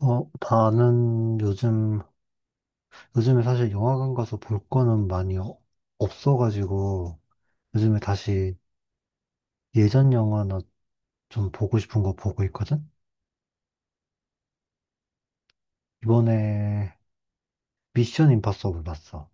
나는 요즘에 사실 영화관 가서 볼 거는 많이 없어가지고, 요즘에 다시 예전 영화나 좀 보고 싶은 거 보고 있거든? 이번에 미션 임파서블 봤어.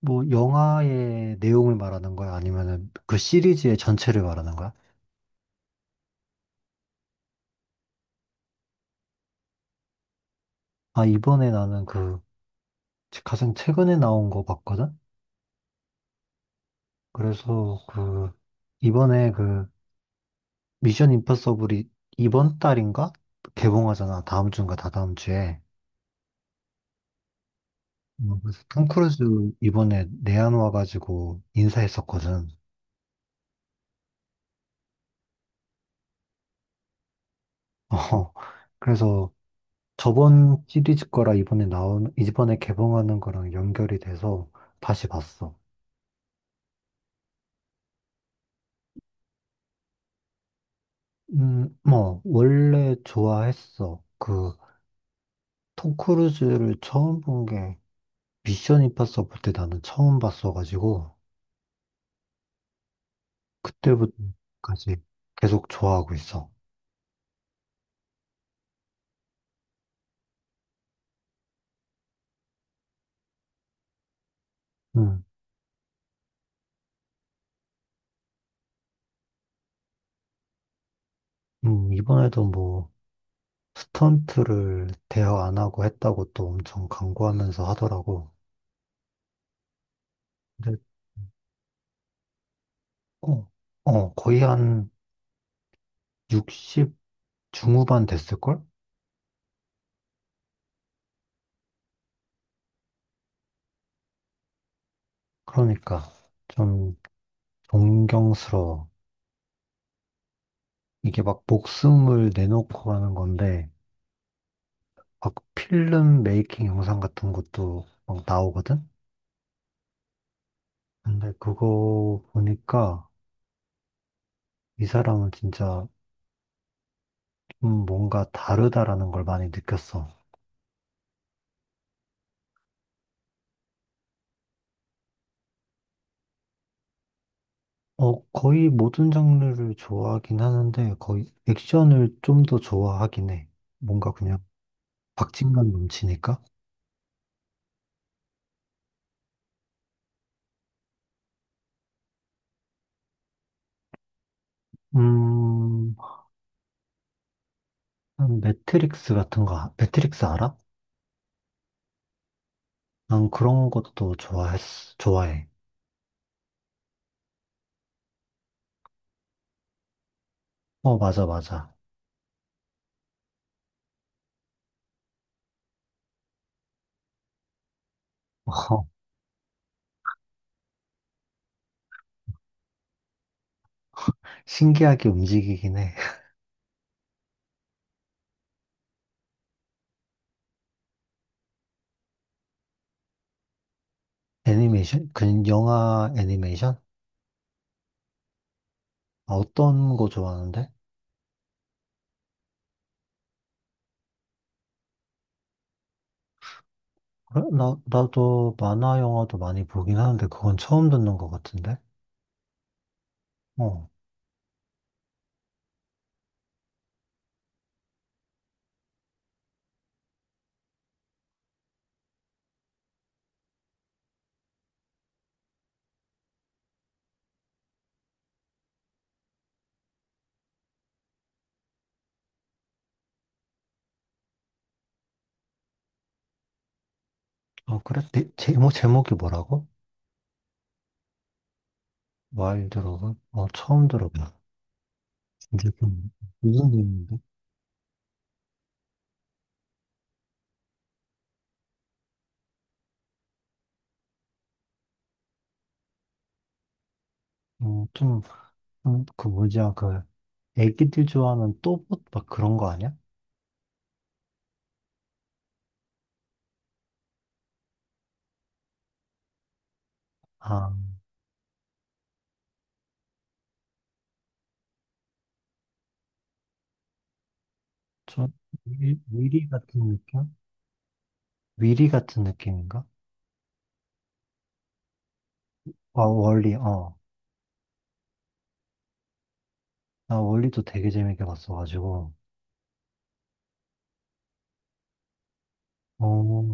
뭐, 영화의 내용을 말하는 거야? 아니면은 그 시리즈의 전체를 말하는 거야? 아, 이번에 나는 그 가장 최근에 나온 거 봤거든? 그래서 그, 이번에 그 미션 임파서블이 이번 달인가? 개봉하잖아. 다음 주인가 다다음 주에. 뭐, 그래서 톰 크루즈 이번에 내한 와가지고 인사했었거든. 어, 그래서 저번 시리즈 거랑 이번에 나온, 이번에 개봉하는 거랑 연결이 돼서 다시 봤어. 뭐, 원래 좋아했어. 그, 톰 크루즈를 처음 본 게 미션 임파서블 때 나는 처음 봤어가지고, 그때부터까지 계속 좋아하고 있어. 음, 이번에도 뭐, 스턴트를 대여 안 하고 했다고 또 엄청 강구하면서 하더라고. 근데 어, 거의 한 60 중후반 됐을걸? 그러니까 좀 존경스러워. 이게 막 목숨을 내놓고 하는 건데, 막 필름 메이킹 영상 같은 것도 막 나오거든? 근데 그거 보니까 이 사람은 진짜 좀 뭔가 다르다라는 걸 많이 느꼈어. 거의 모든 장르를 좋아하긴 하는데, 거의 액션을 좀 더 좋아하긴 해. 뭔가 그냥 박진감 넘치니까. 음, 한 매트릭스 같은 거, 매트릭스 알아? 난 그런 것도 좋아해. 어, 맞아, 맞아. 어, 신기하게 움직이긴 해. 애니메이션? 그 영화 애니메이션? 아, 어떤 거 좋아하는데? 그래? 나도 만화 영화도 많이 보긴 하는데, 그건 처음 듣는 것 같은데? 어. 어, 그래? 네, 제목이 뭐라고? 처음 들어봐. 근데 좀, 무슨 의미인데? 좀, 그 뭐지야, 그, 애기들 좋아하는 또봇 막 그런 거 아니야? 아, 좀, 위리 같은 느낌? 위리 같은 느낌인가? 아, 월리, 어. 나 월리도 되게 재밌게 봤어가지고. 어,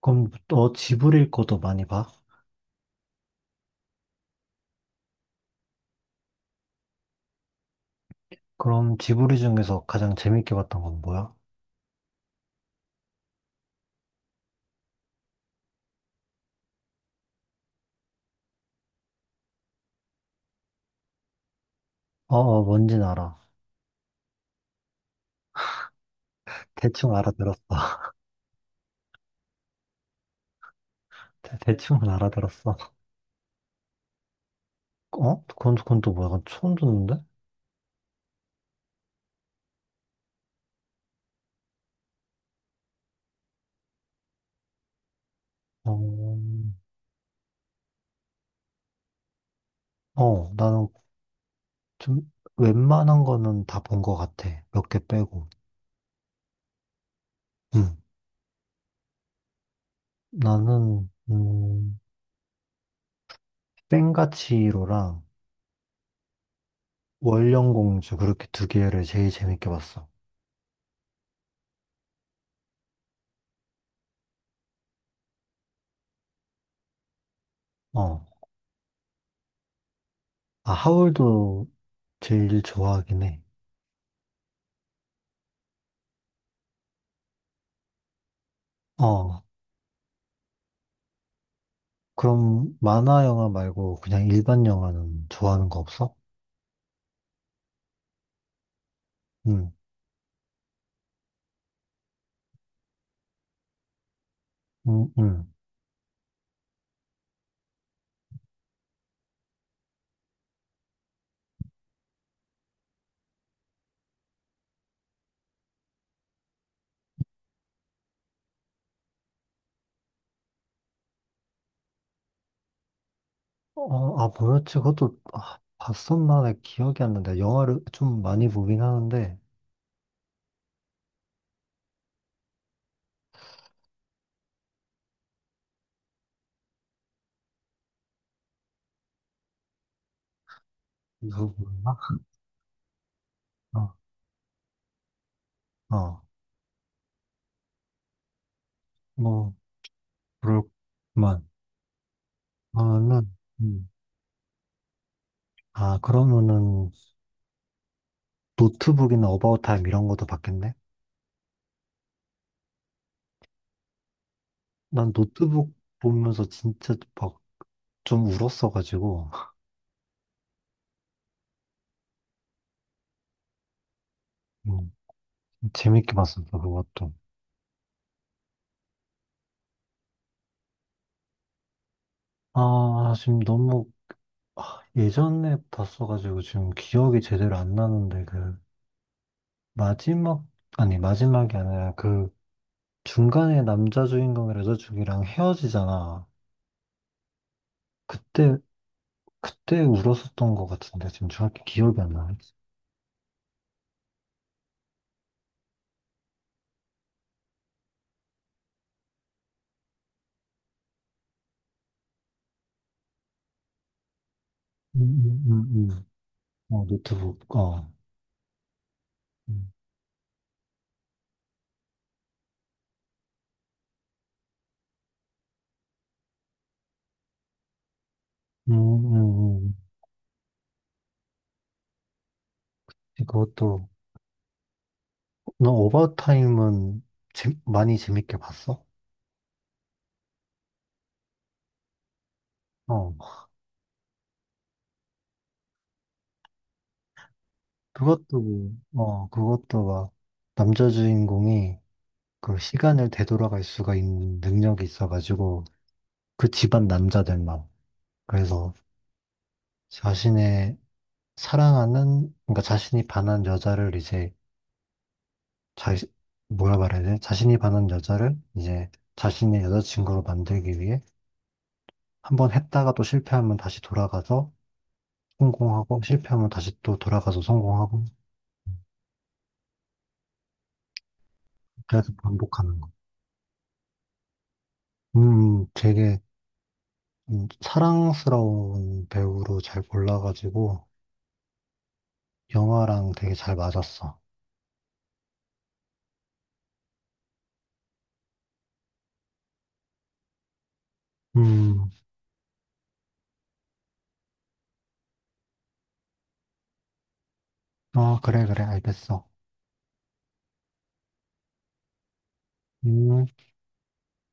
그럼 너 지브리 것도 많이 봐? 그럼 지브리 중에서 가장 재밌게 봤던 건 뭐야? 어, 어, 뭔진 알아. 대충 알아들었어. 대충은 알아들었어. 어? 그건 또 뭐야? 약간 처음 듣는데? 어, 어, 나는 좀 웬만한 거는 다 본 것 같아. 몇 개 빼고. 음, 나는 센가치로랑 월령공주 그렇게 2개를 제일 재밌게 봤어. 어, 아, 하울도 제일 좋아하긴 해. 어, 그럼 만화 영화 말고 그냥 일반 영화는 좋아하는 거 없어? 응, 응, 응. 어, 아, 뭐였지? 그것도 아, 봤었나에 기억이 안 나는데 영화를 좀 많이 보긴 하는데 그거 뭐였나? 어, 어, 뭐 그럴만. 나는 음. 아, 그러면은 노트북이나 어바웃 타임 이런 것도 봤겠네? 난 노트북 보면서 진짜 막 좀 울었어가지고 음, 재밌게 봤었어 그것도. 아, 지금 너무 아, 예전에 봤어가지고 지금 기억이 제대로 안 나는데 그 마지막, 아니, 마지막이 아니라 그 중간에 남자 주인공이 여자 주인공이랑 헤어지잖아. 그때, 그때 울었었던 것 같은데, 지금 정확히 기억이 안 나. 음, 음, 음, 어, 노트북, 어. 음, 음, 음. 그것도, 너 오버타임은 많이 재밌게 봤어? 어. 그것도, 뭐, 그것도 막, 남자 주인공이 그 시간을 되돌아갈 수가 있는 능력이 있어가지고, 그 집안 남자들만. 그래서, 자신의 사랑하는, 그러니까 자신이 반한 여자를 이제, 자, 뭐라 말해야 돼? 자신이 반한 여자를 이제 자신의 여자친구로 만들기 위해 한 번 했다가 또 실패하면 다시 돌아가서 성공하고, 실패하면 다시 또 돌아가서 성공하고, 그래서 반복하는 거. 되게 사랑스러운 배우로 잘 골라가지고, 영화랑 되게 잘 맞았어. 음, 어, 그래, 그래, 알겠어. 음.